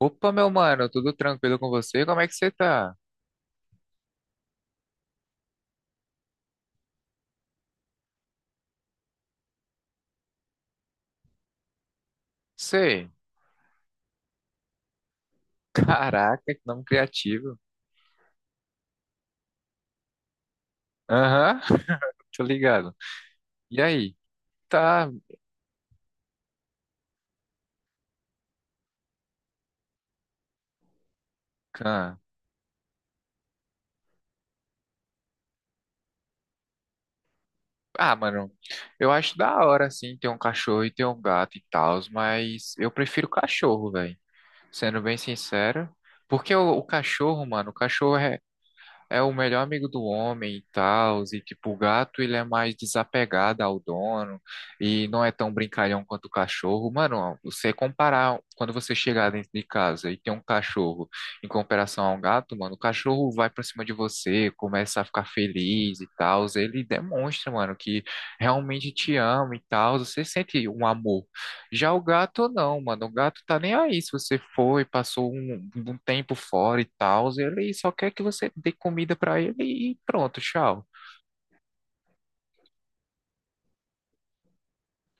Opa, meu mano, tudo tranquilo com você? Como é que você tá? Sei. Caraca, que nome criativo. Aham, tô ligado. E aí? Tá. Ah, Mano, eu acho da hora, assim, ter um cachorro e ter um gato e tal, mas eu prefiro cachorro, velho. Sendo bem sincero. Porque o cachorro, mano, o cachorro é, é o melhor amigo do homem e tal, e tipo, o gato ele é mais desapegado ao dono e não é tão brincalhão quanto o cachorro. Mano, você comparar quando você chegar dentro de casa e tem um cachorro em comparação a um gato, mano, o cachorro vai pra cima de você, começa a ficar feliz e tal, ele demonstra, mano, que realmente te ama e tal, você sente um amor. Já o gato não, mano. O gato tá nem aí. Se você foi, passou um tempo fora e tal, ele só quer que você dê comida pra ele e pronto, tchau.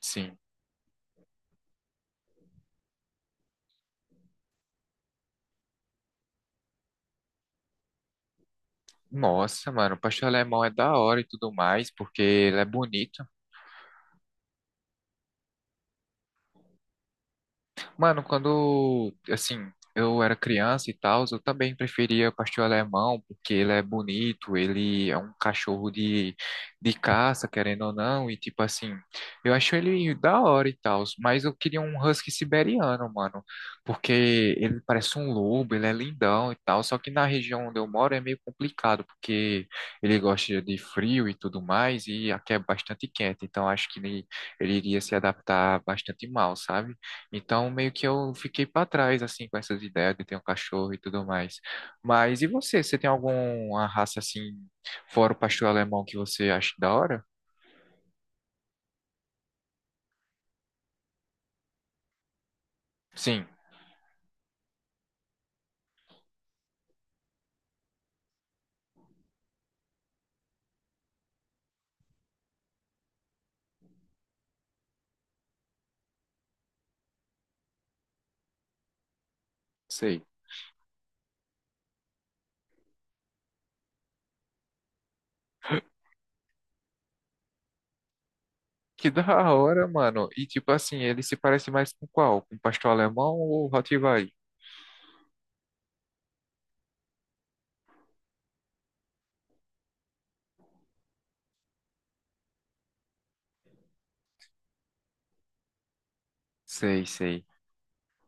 Sim. Nossa, mano, o pastor alemão é da hora e tudo mais, porque ele é bonito. Mano, quando, assim, eu era criança e tal, eu também preferia pastor alemão, porque ele é bonito, ele é um cachorro de caça, querendo ou não, e tipo assim, eu acho ele da hora e tal, mas eu queria um husky siberiano, mano, porque ele parece um lobo, ele é lindão e tal, só que na região onde eu moro é meio complicado, porque ele gosta de frio e tudo mais, e aqui é bastante quente, então acho que ele iria se adaptar bastante mal, sabe? Então, meio que eu fiquei para trás, assim, com essas ideias de ter um cachorro e tudo mais. Mas e você? Você tem alguma raça, assim, fora o pastor alemão que você acha da hora? Sim, sei. Que da hora, mano. E, tipo assim, ele se parece mais com qual? Com o pastor alemão ou o Rottweiler? Sei, sei.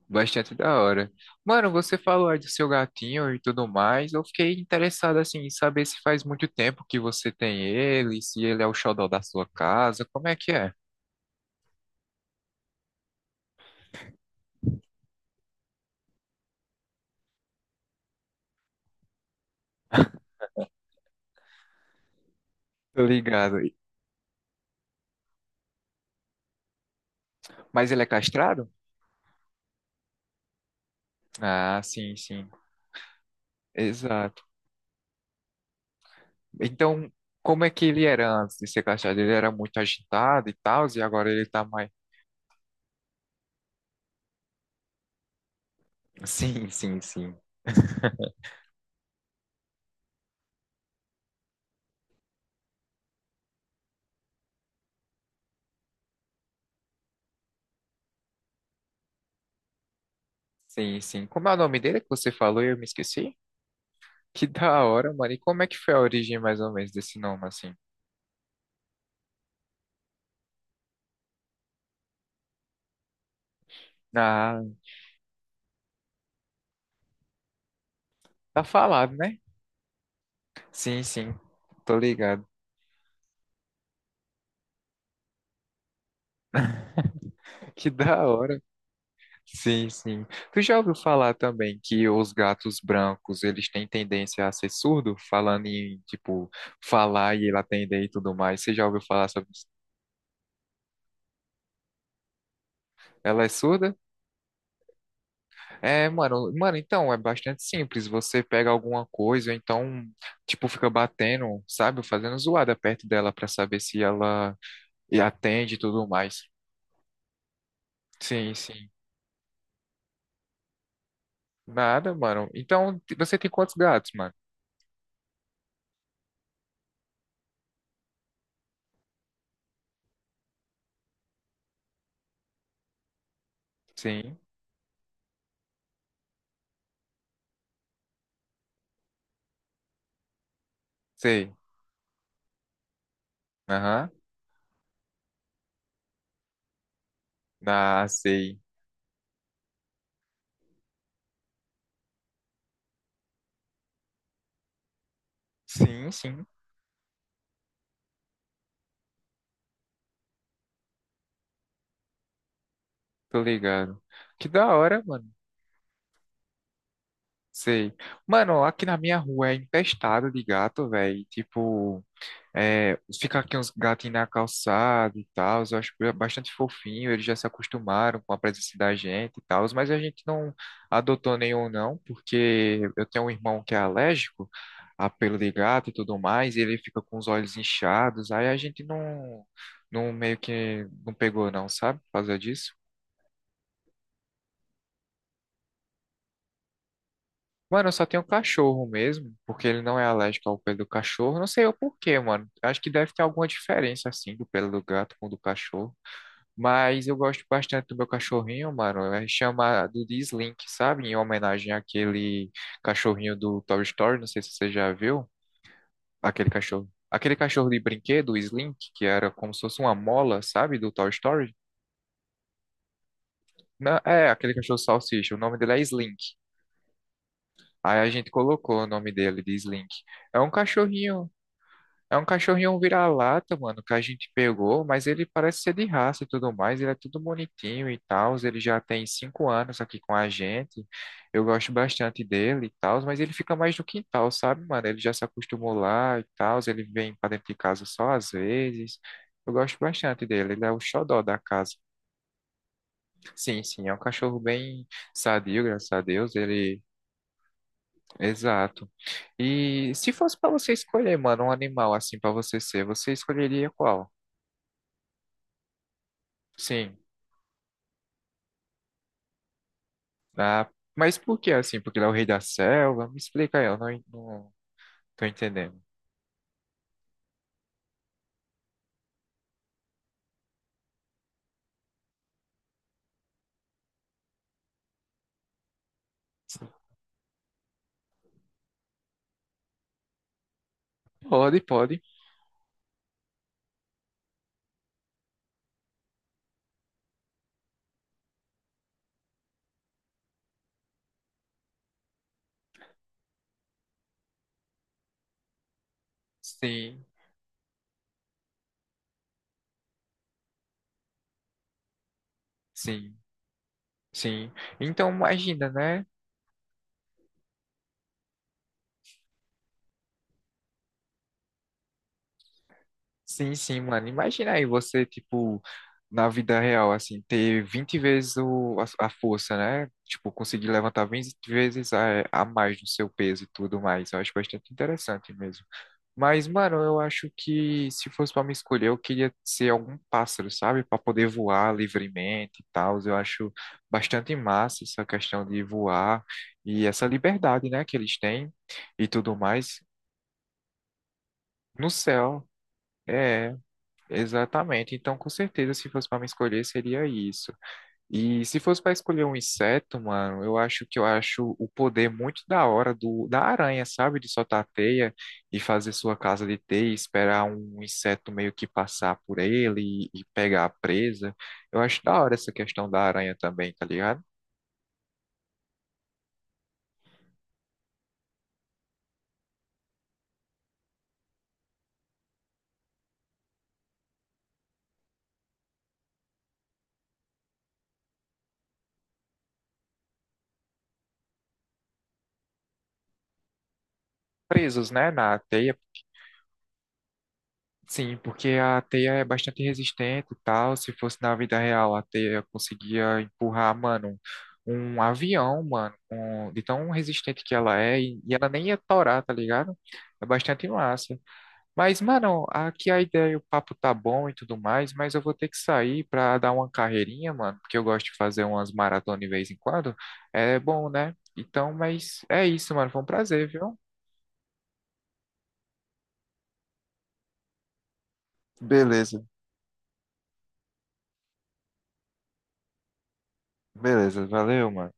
Bastante da hora. Mano, você falou aí do seu gatinho e tudo mais. Eu fiquei interessado, assim, em saber se faz muito tempo que você tem ele, se ele é o xodó da sua casa, como é que é? Tô ligado. Mas ele é castrado? Ah, sim, sim. Exato. Então, como é que ele era antes de ser castrado? Ele era muito agitado e tal, e agora ele tá mais. Sim, sim, sim. Sim, sim. Como é o nome dele que você falou e eu me esqueci? Que da hora, mano. E como é que foi a origem mais ou menos desse nome, assim? Ah, tá falado, né? Sim, sim. Tô ligado. Que da hora. Sim, sim. Tu já ouviu falar também que os gatos brancos, eles têm tendência a ser surdo, falando em, tipo, falar e ele atender e tudo mais. Você já ouviu falar sobre isso? Ela é surda? É, mano, então é bastante simples. Você pega alguma coisa, então, tipo, fica batendo, sabe? Fazendo zoada perto dela pra saber se ela atende e tudo mais. Sim, sim. Nada, mano. Então, você tem quantos gatos, mano? Sim, sei. Aham. Ah, sei. Sim, sim. Tô ligado. Que da hora, mano. Sei. Mano, aqui na minha rua é infestado de gato, velho. Tipo, é, fica aqui uns gatinhos na calçada e tal. Eu acho bastante fofinho. Eles já se acostumaram com a presença da gente e tal. Mas a gente não adotou nenhum, não, porque eu tenho um irmão que é alérgico a pelo de gato e tudo mais. E ele fica com os olhos inchados. Aí a gente não meio que não pegou, não, sabe? Por causa disso. Mano, eu só tenho cachorro mesmo, porque ele não é alérgico ao pelo do cachorro. Não sei o porquê, mano. Acho que deve ter alguma diferença, assim, do pelo do gato com o do cachorro. Mas eu gosto bastante do meu cachorrinho, mano. É chamado de Slink, sabe? Em homenagem àquele cachorrinho do Toy Story. Não sei se você já viu aquele cachorro. Aquele cachorro de brinquedo, o Slink, que era como se fosse uma mola, sabe? Do Toy Story. Não, é, aquele cachorro salsicha. O nome dele é Slink. Aí a gente colocou o nome dele de Slink. É um cachorrinho. É um cachorrinho vira-lata, mano, que a gente pegou, mas ele parece ser de raça e tudo mais, ele é tudo bonitinho e tal, ele já tem 5 anos aqui com a gente, eu gosto bastante dele e tal, mas ele fica mais no quintal, sabe, mano? Ele já se acostumou lá e tal, ele vem pra dentro de casa só às vezes, eu gosto bastante dele, ele é o xodó da casa. Sim, sim, é um cachorro bem sadio, graças a Deus, ele... Exato. E se fosse pra você escolher, mano, um animal assim pra você ser, você escolheria qual? Sim. Ah, mas por que assim? Porque ele é o rei da selva? Me explica aí, eu não, não tô entendendo. Pode, pode. Sim, sim, sim. Então imagina, né? Sim, sim, mano. Imagina aí você, tipo, na vida real, assim, ter 20 vezes o, a força, né? Tipo, conseguir levantar 20 vezes a mais do seu peso e tudo mais. Eu acho bastante interessante mesmo. Mas, mano, eu acho que se fosse pra me escolher, eu queria ser algum pássaro, sabe? Pra poder voar livremente e tal. Eu acho bastante massa essa questão de voar e essa liberdade, né, que eles têm e tudo mais no céu. É, exatamente. Então, com certeza, se fosse pra me escolher, seria isso. E se fosse para escolher um inseto, mano, eu acho que eu acho o poder muito da hora do da aranha, sabe? De soltar a teia e fazer sua casa de teia, e esperar um inseto meio que passar por ele e pegar a presa. Eu acho da hora essa questão da aranha também, tá ligado? Presos, né, na teia. Sim, porque a teia é bastante resistente e tal. Se fosse na vida real, a teia conseguia empurrar, mano, um avião, mano, com- de tão resistente que ela é, e ela nem ia torar, tá ligado? É bastante massa. Mas, mano, aqui a ideia, o papo tá bom e tudo mais, mas eu vou ter que sair pra dar uma carreirinha, mano, porque eu gosto de fazer umas maratonas de vez em quando. É bom, né? Então, mas é isso, mano. Foi um prazer, viu? Beleza, beleza, valeu, mano.